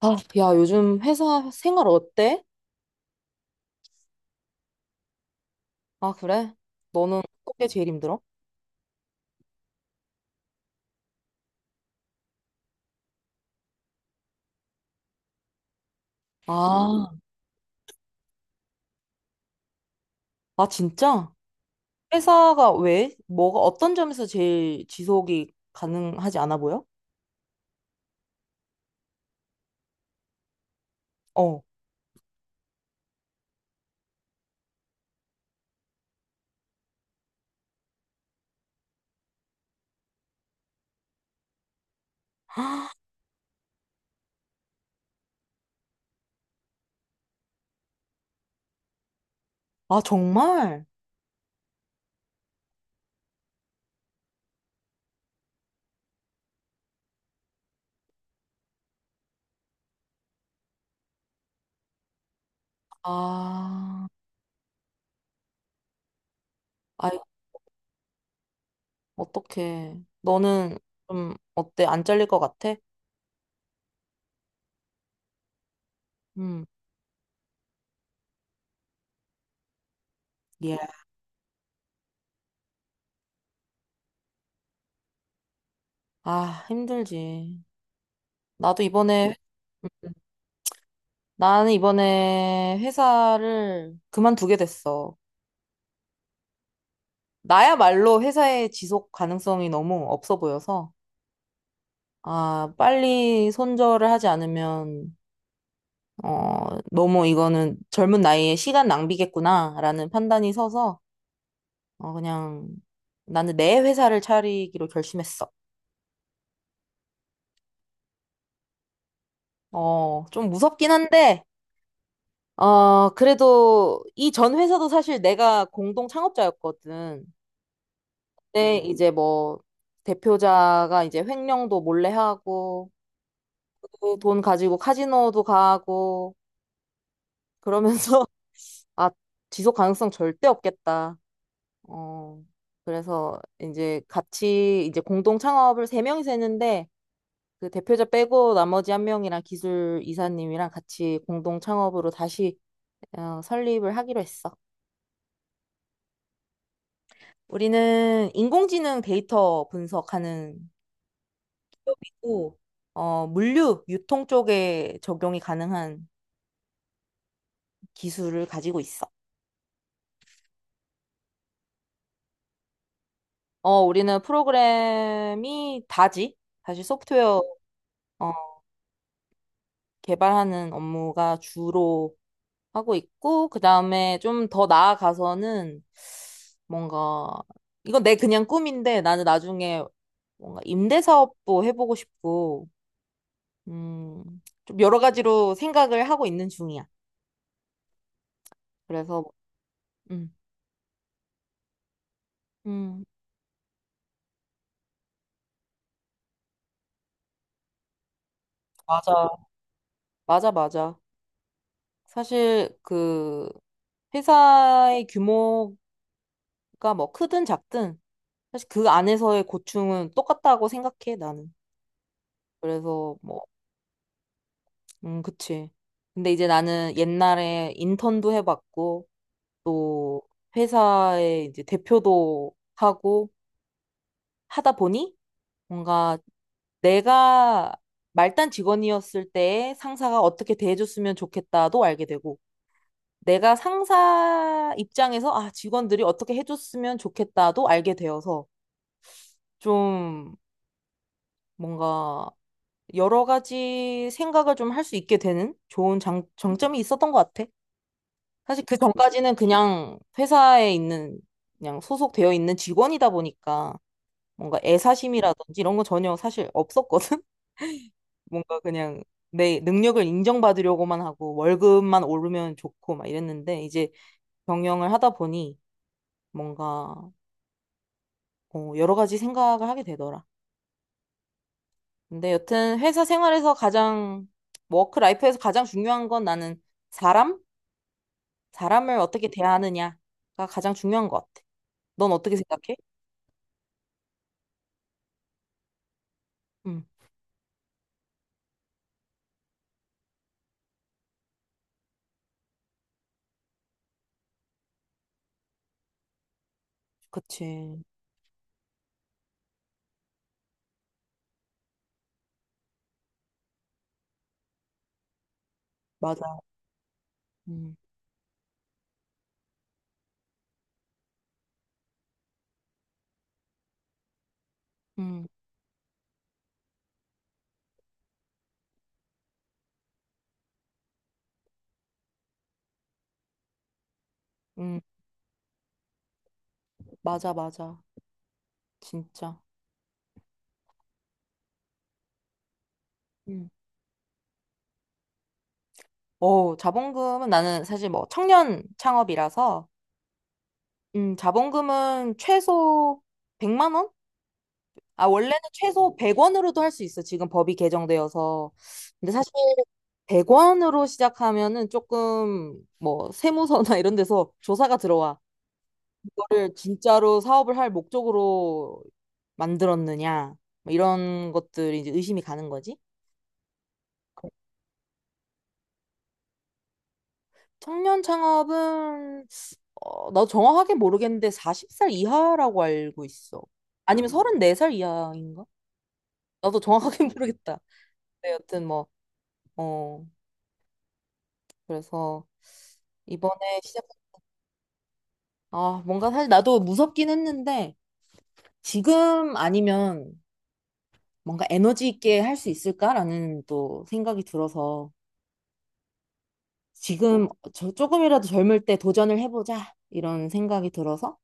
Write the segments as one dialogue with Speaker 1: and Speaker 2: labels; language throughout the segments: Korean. Speaker 1: 아, 야, 요즘 회사 생활 어때? 아, 그래? 너는 어떤 게 제일 힘들어? 아, 아, 진짜? 회사가 왜? 뭐가, 어떤 점에서 제일 지속이 가능하지 않아 보여? 어. 아, 정말? 아, 아이, 어떡해. 너는 좀 어때? 안 잘릴 것 같아? 음, 예. 아, 힘들지. 나도 이번에, 음, 나는 이번에 회사를 그만두게 됐어. 나야말로 회사의 지속 가능성이 너무 없어 보여서, 아, 빨리 손절을 하지 않으면, 어, 너무 이거는 젊은 나이에 시간 낭비겠구나라는 판단이 서서, 어, 그냥 나는 내 회사를 차리기로 결심했어. 어, 좀 무섭긴 한데, 어, 그래도 이 전 회사도 사실 내가 공동 창업자였거든. 근데 이제 뭐, 대표자가 이제 횡령도 몰래 하고, 그돈 가지고 카지노도 가고, 그러면서 아, 지속 가능성 절대 없겠다. 어, 그래서 이제 같이 이제 공동 창업을 3명이서 했는데 그 대표자 빼고 나머지 1명이랑 기술 이사님이랑 같이 공동 창업으로 다시 어, 설립을 하기로 했어. 우리는 인공지능 데이터 분석하는 기업이고 어, 물류 유통 쪽에 적용이 가능한 기술을 가지고 있어. 어, 우리는 프로그램이 다지. 사실 소프트웨어 어, 개발하는 업무가 주로 하고 있고, 그 다음에 좀 더 나아가서는 뭔가, 이건 내 그냥 꿈인데 나는 나중에 뭔가 임대사업도 해보고 싶고, 좀 여러 가지로 생각을 하고 있는 중이야. 그래서, 음, 음, 맞아. 맞아, 맞아. 사실 그 회사의 규모가 뭐 크든 작든 사실 그 안에서의 고충은 똑같다고 생각해, 나는. 그래서 뭐 그치. 근데 이제 나는 옛날에 인턴도 해봤고, 또 회사의 이제 대표도 하고 하다 보니 뭔가 내가 말단 직원이었을 때 상사가 어떻게 대해줬으면 좋겠다도 알게 되고, 내가 상사 입장에서 아, 직원들이 어떻게 해줬으면 좋겠다도 알게 되어서 좀 뭔가 여러 가지 생각을 좀 할 수 있게 되는 좋은 장, 장점이 있었던 것 같아. 사실 그 전까지는 그냥 회사에 있는, 그냥 소속되어 있는 직원이다 보니까 뭔가 애사심이라든지 이런 거 전혀 사실 없었거든? 뭔가 그냥 내 능력을 인정받으려고만 하고 월급만 오르면 좋고 막 이랬는데 이제 경영을 하다 보니 뭔가 어, 여러 가지 생각을 하게 되더라. 근데 여튼 회사 생활에서 가장, 워크 라이프에서 가장 중요한 건 나는 사람? 사람을 어떻게 대하느냐가 가장 중요한 것 같아. 넌 어떻게 생각해? 음, 그치. 맞아. 음, 음, 음, 맞아, 맞아. 진짜. 음. 오 자본금은 나는 사실 뭐 청년 창업이라서, 자본금은 최소 100만 원? 아, 원래는 최소 100원으로도 할 수 있어. 지금 법이 개정되어서. 근데 사실 100원으로 시작하면은 조금 뭐 세무서나 이런 데서 조사가 들어와. 이거를 진짜로 사업을 할 목적으로 만들었느냐. 뭐 이런 것들이 이제 의심이 가는 거지. 청년 창업은 어, 나도 정확하게 모르겠는데 40살 이하라고 알고 있어. 아니면 34살 이하인가? 나도 정확하게 모르겠다. 네, 여튼 뭐, 어, 그래서 이번에 시작, 아, 뭔가 사실 나도 무섭긴 했는데 지금 아니면 뭔가 에너지 있게 할 수 있을까라는 또 생각이 들어서 지금 저 조금이라도 젊을 때 도전을 해보자 이런 생각이 들어서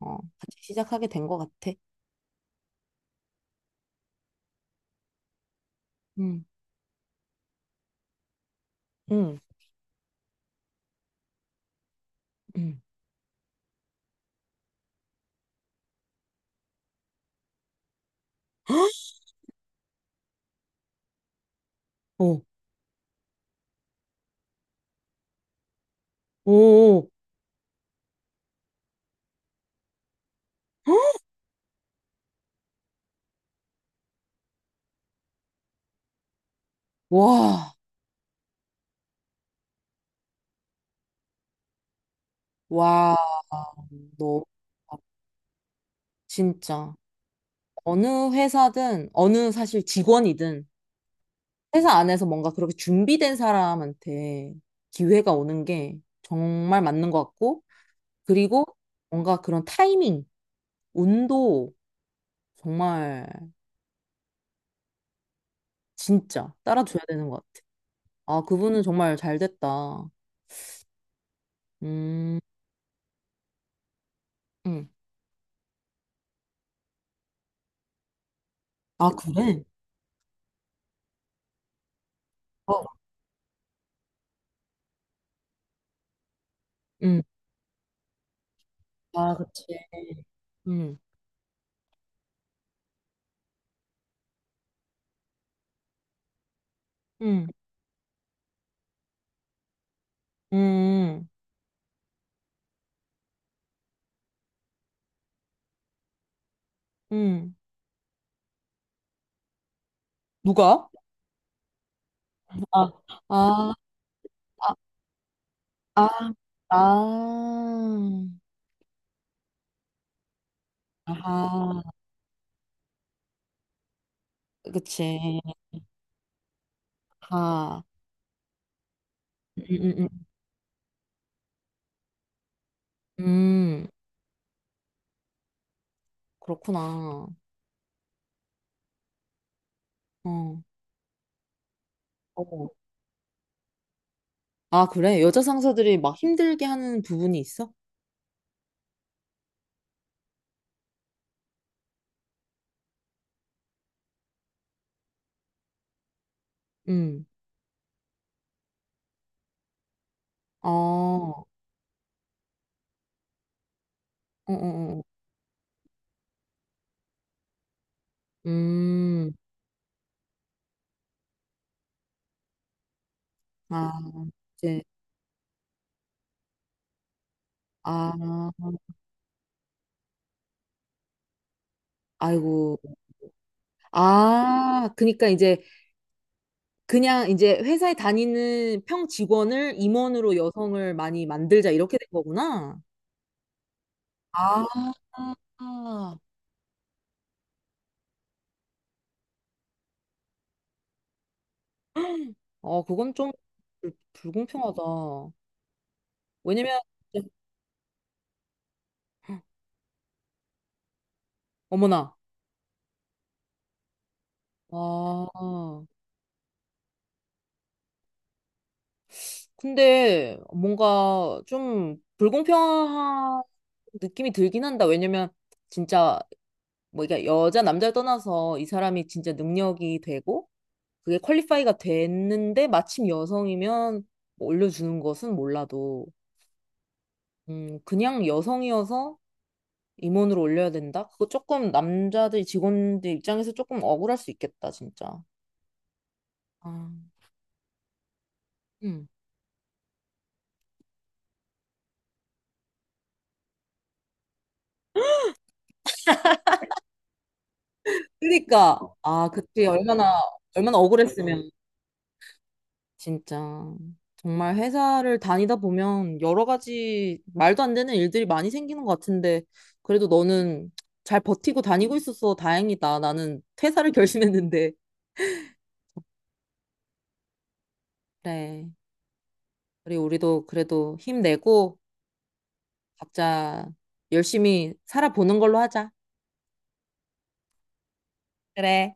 Speaker 1: 어, 같이 시작하게 된 것 같아. 음, 음, 음. 오, 오, 와, 와, 너 진짜 어느 회사든 어느 사실 직원이든 회사 안에서 뭔가 그렇게 준비된 사람한테 기회가 오는 게 정말 맞는 것 같고 그리고 뭔가 그런 타이밍, 운도 정말 진짜 따라줘야 되는 것 같아. 아, 그분은 정말 잘 됐다. 음, 음. 아, 그래? 어, 음. 아, 그치. 음, 음, 음, 음. 누가? 아, 아, 아, 아, 아, 아하, 그치, 아하, 음, 음, 음, 음, 그렇구나, 어, 어, 아, 그래, 여자 상사들이 막 힘들게 하는 부분이 있어? 음, 어, 어, 어, 어. 어. 음, 아, 이제, 아, 아이고, 아, 그니까 이제, 그냥 이제 회사에 다니는 평 직원을 임원으로 여성을 많이 만들자, 이렇게 된 거구나. 아, 어, 그건 좀 불공평하다. 왜냐면, 어머나, 아, 근데 뭔가 좀 불공평한 느낌이 들긴 한다. 왜냐면, 진짜, 뭐, 이게 여자, 남자를 떠나서 이 사람이 진짜 능력이 되고, 그게 퀄리파이가 됐는데, 마침 여성이면 뭐 올려주는 것은 몰라도, 그냥 여성이어서 임원으로 올려야 된다? 그거 조금 남자들 직원들 입장에서 조금 억울할 수 있겠다, 진짜. 아, 음. 그러니까 아, 그때 얼마나 얼마나 억울했으면 진짜 정말 회사를 다니다 보면 여러 가지 말도 안 되는 일들이 많이 생기는 것 같은데 그래도 너는 잘 버티고 다니고 있어서 다행이다. 나는 퇴사를 결심했는데. 그래. 우리도 그래도 힘내고 각자 열심히 살아보는 걸로 하자. 그래.